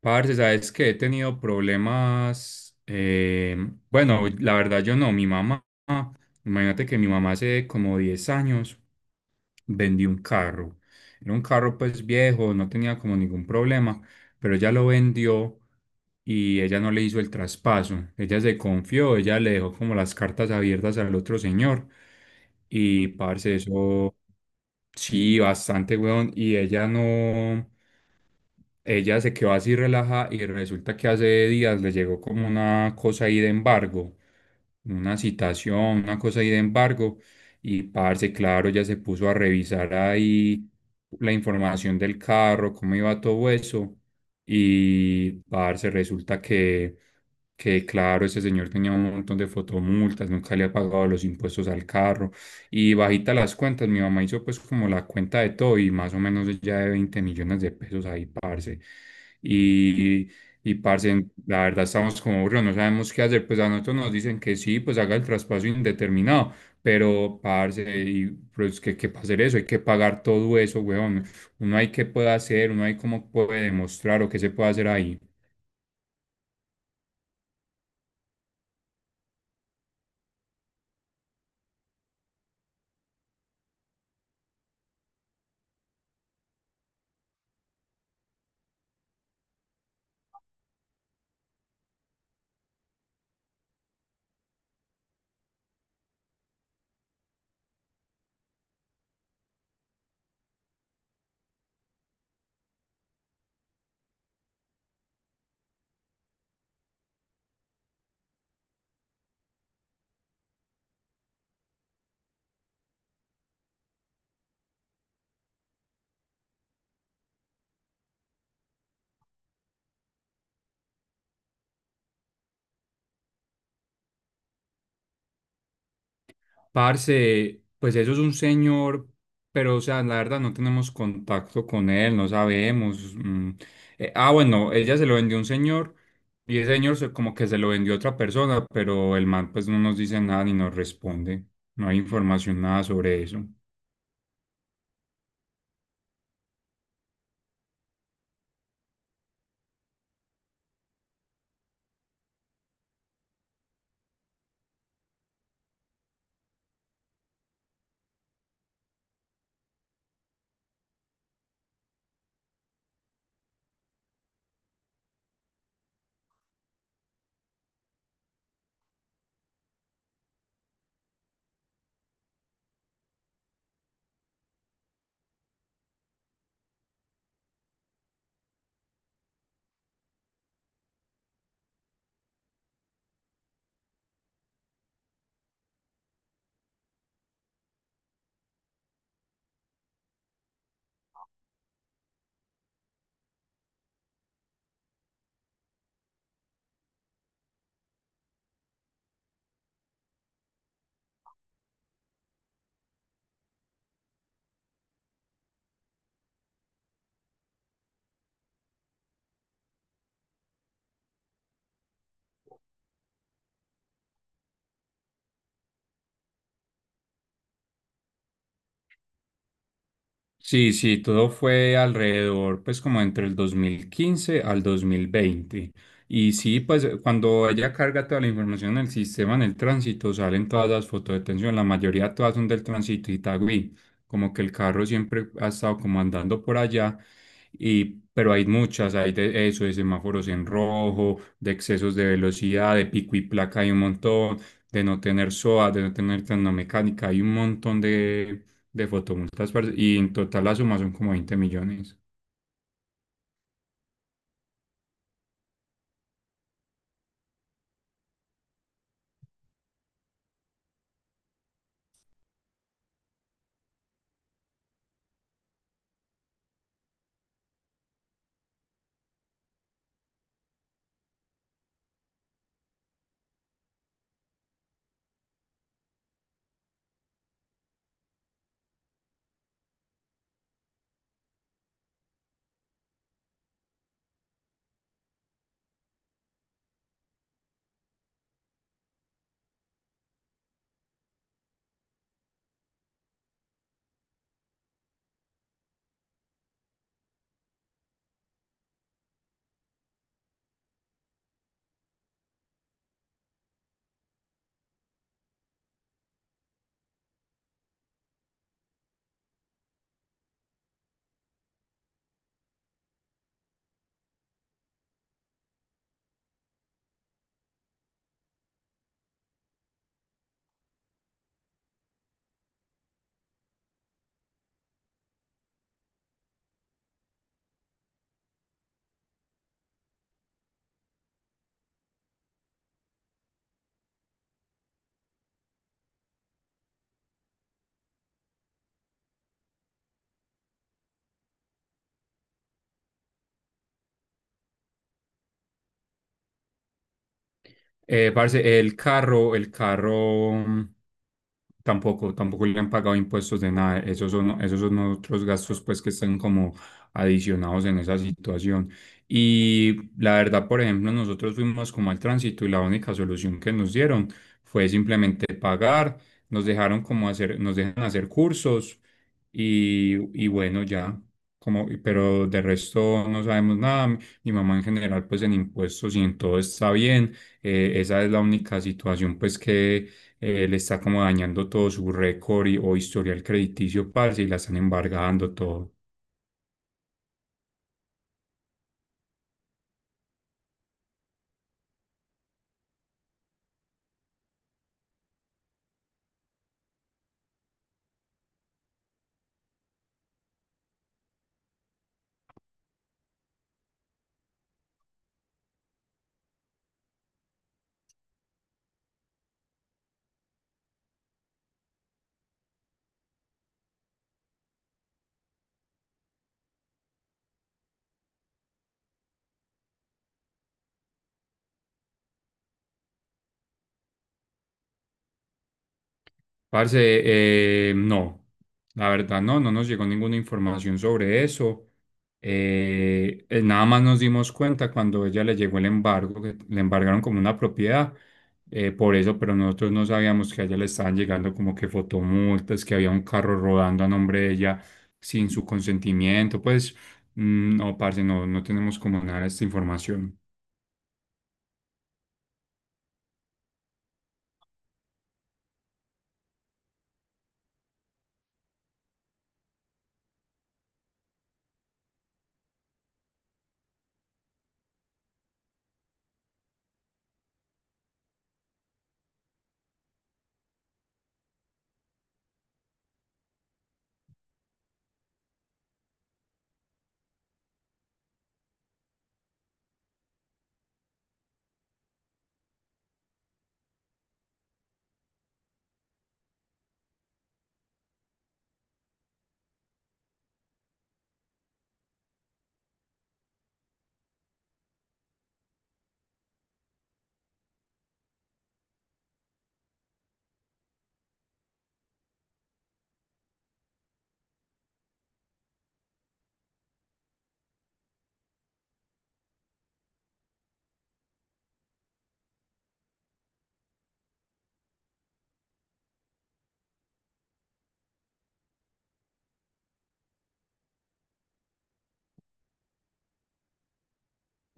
Parce, sabes que he tenido problemas. Bueno, la verdad yo no. Imagínate que mi mamá hace como 10 años vendió un carro. Era un carro pues viejo, no tenía como ningún problema, pero ella lo vendió y ella no le hizo el traspaso. Ella se confió, ella le dejó como las cartas abiertas al otro señor. Y parce, eso sí, bastante, weón. Y ella no. Ella se quedó así relaja y resulta que hace días le llegó como una cosa ahí de embargo, una citación, una cosa ahí de embargo. Y parce, claro, ya se puso a revisar ahí la información del carro, cómo iba todo eso. Y parce, resulta que claro, ese señor tenía un montón de fotomultas, nunca le ha pagado los impuestos al carro y bajita las cuentas, mi mamá hizo pues como la cuenta de todo y más o menos ya de 20 millones de pesos ahí, parce. Y, y parce, la verdad estamos como burros, no sabemos qué hacer, pues a nosotros nos dicen que sí, pues haga el traspaso indeterminado. Pero, parce, pero es que hay que hacer eso, hay que pagar todo eso, weón. Uno hay que puede hacer, uno hay cómo puede demostrar o qué se puede hacer ahí. Parce, pues eso es un señor, pero o sea, la verdad no tenemos contacto con él, no sabemos. Mm. Bueno, ella se lo vendió a un señor y ese señor como que se lo vendió a otra persona, pero el man pues no nos dice nada ni nos responde. No hay información nada sobre eso. Sí, sí, todo fue alrededor, pues como entre el 2015 al 2020. Y sí, pues cuando ella carga toda la información en el sistema, en el tránsito, salen todas las fotos de tensión, la mayoría todas son del tránsito Itagüí, como que el carro siempre ha estado como andando por allá, y, pero hay muchas, hay de eso, de semáforos en rojo, de excesos de velocidad, de pico y placa hay un montón, de no tener SOA, de no tener mecánica, hay un montón de fotomultas, parce, y en total la suma son como 20 millones. Parce, el carro, tampoco le han pagado impuestos de nada. Esos son otros gastos pues que están como adicionados en esa situación. Y la verdad, por ejemplo, nosotros fuimos como al tránsito y la única solución que nos dieron fue simplemente pagar. Nos dejaron como hacer, nos dejan hacer cursos y, y bueno, ya. Como, pero de resto no sabemos nada. Mi mamá en general, pues en impuestos y en todo está bien. Esa es la única situación pues que le está como dañando todo su récord o historial crediticio, parce, y la están embargando todo. Parce, no, la verdad no, nos llegó ninguna información sobre eso. Nada más nos dimos cuenta cuando ella le llegó el embargo, que le embargaron como una propiedad, por eso, pero nosotros no sabíamos que a ella le estaban llegando como que fotomultas, que había un carro rodando a nombre de ella sin su consentimiento. Pues mm, no, parce, no, no, tenemos como nada de esta información.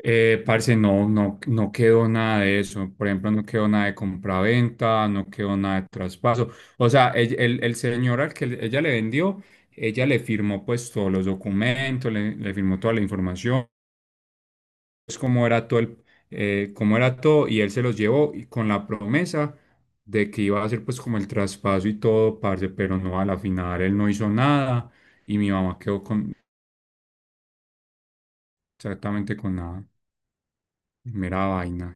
Parce, no quedó nada de eso. Por ejemplo, no quedó nada de compraventa, no quedó nada de traspaso. O sea, el señor al que ella le vendió, ella le firmó pues todos los documentos, le firmó toda la información, pues, cómo era todo cómo era todo, y él se los llevó y con la promesa de que iba a hacer pues como el traspaso y todo, parce, pero no, a la final él no hizo nada y mi mamá quedó con exactamente con la mera vaina.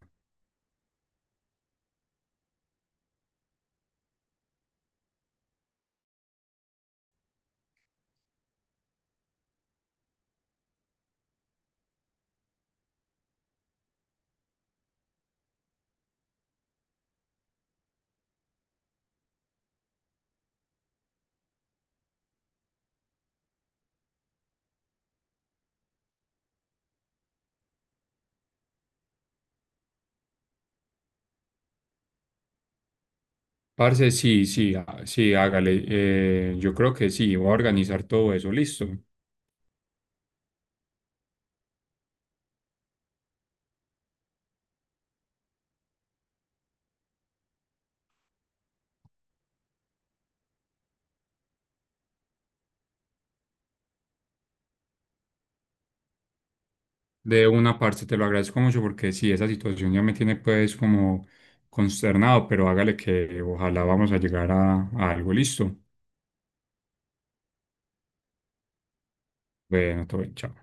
Parce, sí, sí, ah, sí, hágale. Yo creo que sí, voy a organizar todo eso, listo. De una parte te lo agradezco mucho porque sí, esa situación ya me tiene pues como consternado, pero hágale que ojalá vamos a llegar a algo, listo. Bueno, todo bien, chao.